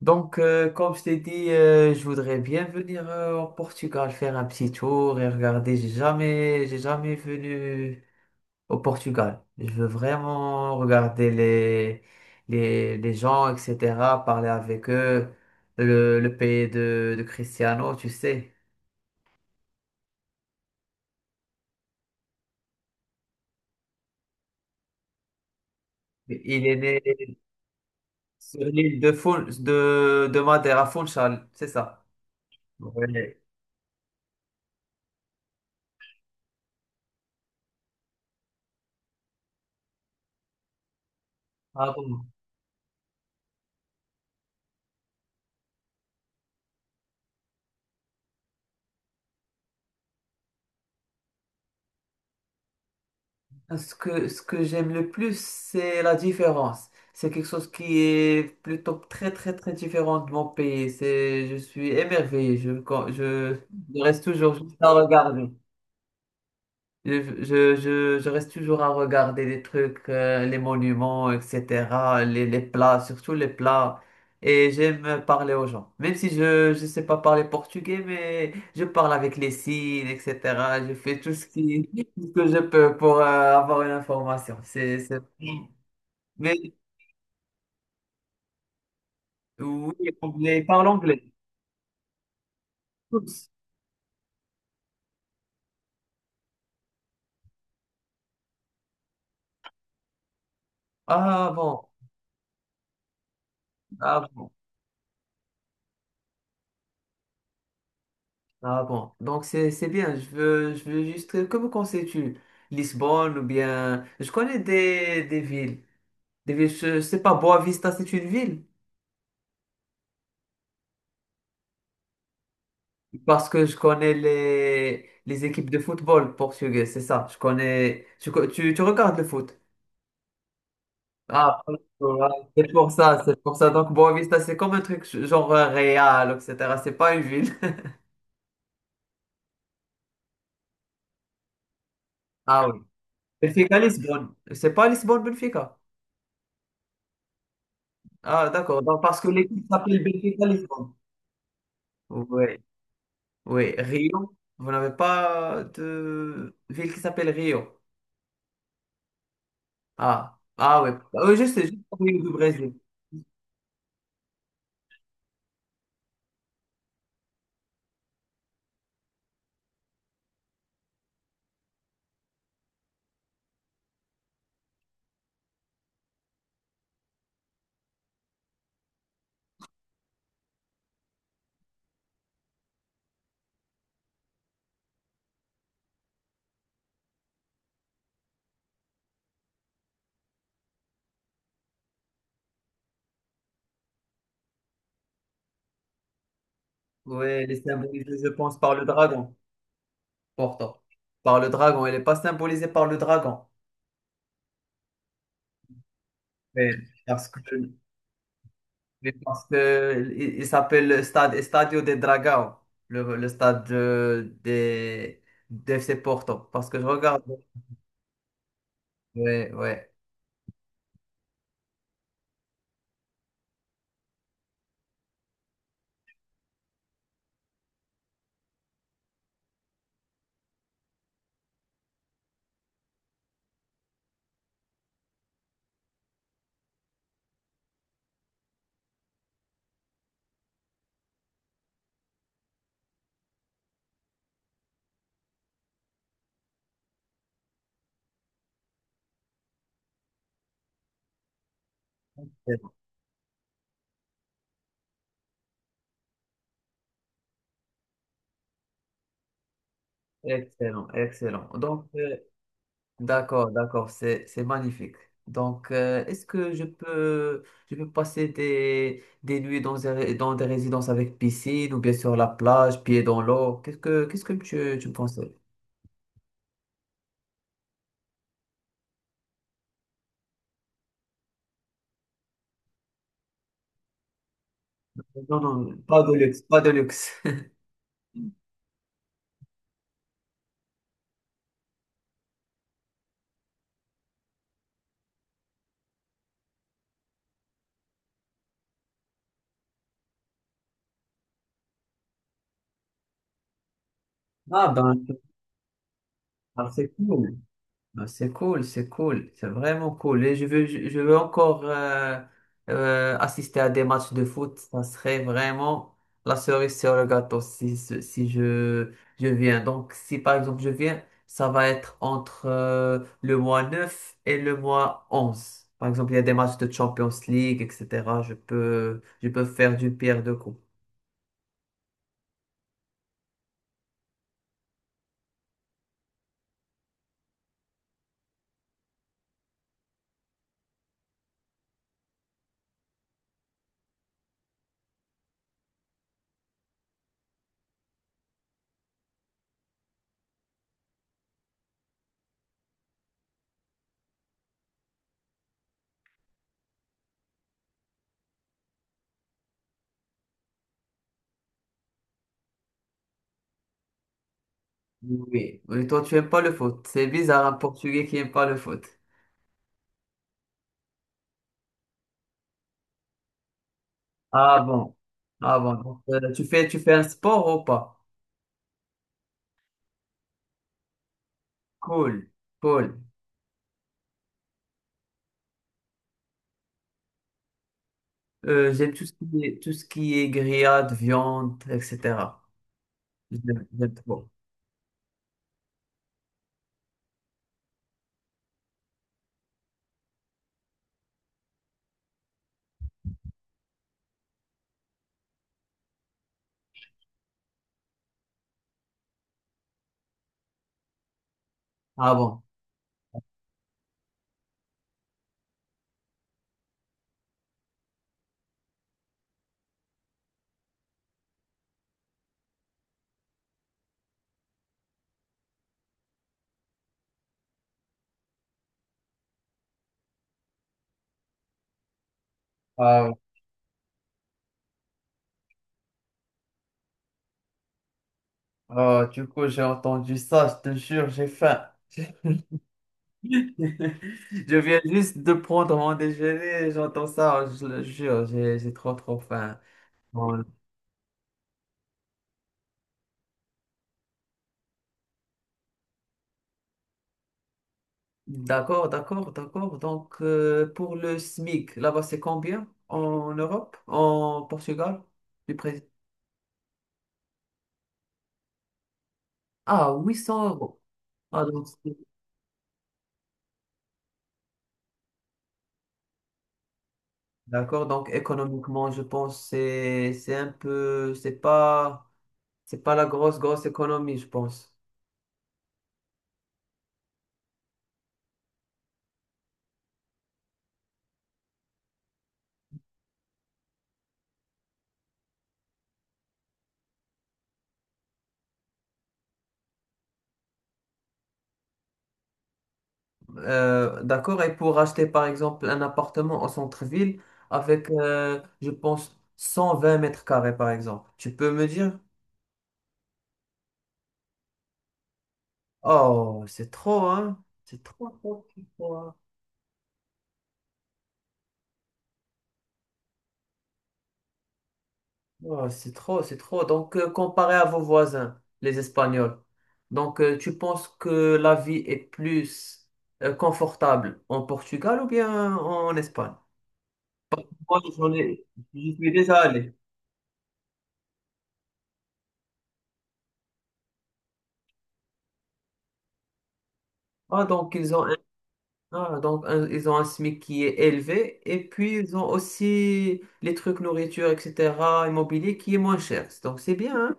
Donc, comme je t'ai dit, je voudrais bien venir au Portugal faire un petit tour et regarder. J'ai jamais venu au Portugal. Je veux vraiment regarder les gens, etc., parler avec eux. Le pays de Cristiano, tu sais, il est né sur l'île de Madère, à Funchal, c'est ça. Ouais. Ah bon. Ce que j'aime le plus, c'est la différence. C'est quelque chose qui est plutôt très, très, très différent de mon pays. Je suis émerveillé. Je reste toujours juste à regarder. Je, je reste toujours à regarder les trucs, les monuments, etc., les plats, surtout les plats. Et j'aime parler aux gens. Même si je sais pas parler portugais, mais je parle avec les signes, etc. Je fais tout ce qui, tout ce que je peux pour avoir une information. C'est. Mais oui, on les parle anglais. Tous. Ah bon, ah bon. Ah bon, donc c'est bien. Je veux juste. Que me conseilles-tu? Lisbonne ou bien. Je connais des villes. Des villes, je sais pas, Boavista, c'est une ville. Parce que je connais les équipes de football portugais, c'est ça. Je connais. Tu regardes le foot? Ah, voilà, c'est pour ça, c'est pour ça. Donc Boavista, c'est comme un truc genre Real, etc. C'est pas une ville. Ah oui. Benfica Lisbonne. C'est pas Lisbonne Benfica. Ah, d'accord. Donc parce que l'équipe s'appelle Benfica Lisbonne. Oui, oui, Rio. Vous n'avez pas de ville qui s'appelle Rio. Ah, ah oui. Ah oui, juste Rio du Brésil. Oui, elle est symbolisée, je pense, par le dragon. Pourtant. Par le dragon. Elle n'est pas symbolisée par le dragon. Mais parce que, mais parce que il s'appelle le stade Estadio de Dragão, le stade de, des d' FC Porto. Parce que je regarde. Oui, oui. Excellent, excellent, excellent. Donc. D'accord, d'accord, c'est magnifique. Donc, est-ce que je peux passer des nuits dans dans des résidences avec piscine ou bien sur la plage, pieds dans l'eau? Qu'est-ce que tu me conseilles? Non, non, pas de luxe, pas de luxe. Ah ben, ah, c'est cool. Ben, c'est cool, c'est cool, c'est vraiment cool. Et je veux encore assister à des matchs de foot. Ça serait vraiment la cerise sur le gâteau si je viens. Donc, si par exemple je viens, ça va être entre le mois 9 et le mois onze. Par exemple, il y a des matchs de Champions League, etc. Je peux faire du pierre de coups. Oui, mais toi tu aimes pas le foot. C'est bizarre, un Portugais qui aime pas le foot. Ah bon, ah bon. Donc, tu fais un sport ou pas? Cool, cool. J'aime tout ce qui est grillade, viande, etc. J'aime trop. Ah bon. Ah, ouais. Ah, du coup, j'ai entendu ça, je te jure, j'ai faim. Je viens juste de prendre mon déjeuner, j'entends ça, je le jure, j'ai trop trop faim. D'accord, d'accord, d'accord. Donc, pour le SMIC, là-bas, c'est combien en Europe, en Portugal, du président? Ah, 800 euros. Ah, donc, d'accord. Donc, économiquement, je pense c'est un peu, c'est pas la grosse, grosse économie, je pense. D'accord. Et pour acheter, par exemple, un appartement en centre-ville avec, je pense, 120 mètres carrés, par exemple, tu peux me dire? Oh, c'est trop, hein? C'est trop, trop, trop. Oh, c'est trop, c'est trop. Donc, comparé à vos voisins, les Espagnols, donc tu penses que la vie est plus confortable en Portugal ou bien en Espagne? Moi, j'y suis déjà allé. Ah, donc ils ont un SMIC qui est élevé et puis ils ont aussi les trucs nourriture, etc., immobilier qui est moins cher. Donc c'est bien, hein?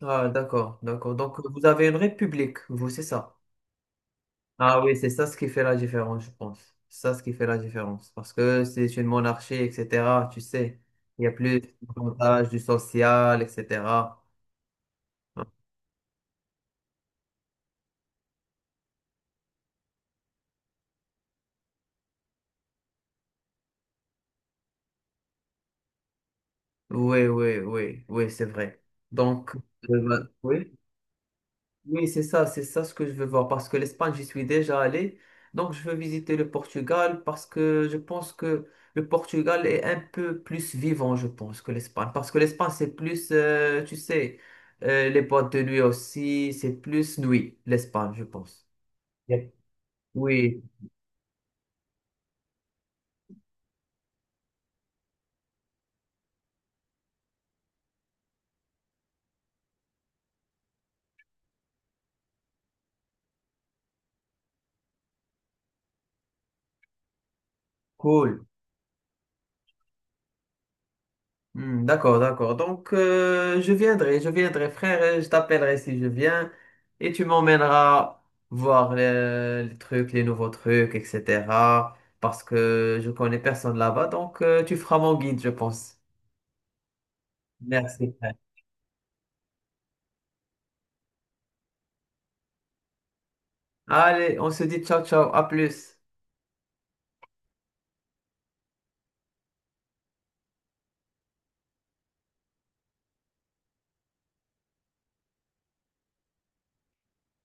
Ah, d'accord, d'accord. Donc vous avez une république, vous, c'est ça. Ah oui, c'est ça ce qui fait la différence, je pense. C'est ça ce qui fait la différence. Parce que c'est une monarchie, etc. Tu sais, il y a plus d'avantages du social, etc. Oui, oui, oui, oui, c'est vrai. Donc, bah, oui. Oui, c'est ça ce que je veux voir parce que l'Espagne, j'y suis déjà allé. Donc, je veux visiter le Portugal parce que je pense que le Portugal est un peu plus vivant, je pense, que l'Espagne. Parce que l'Espagne, c'est plus, tu sais, les boîtes de nuit aussi, c'est plus nuit, l'Espagne, je pense. Yep. Oui, cool. Hmm, d'accord, d'accord. Donc, je viendrai, frère, et je t'appellerai si je viens, et tu m'emmèneras voir les trucs, les nouveaux trucs, etc. Parce que je connais personne là-bas, donc tu feras mon guide, je pense. Merci, frère. Allez, on se dit ciao, ciao, à plus.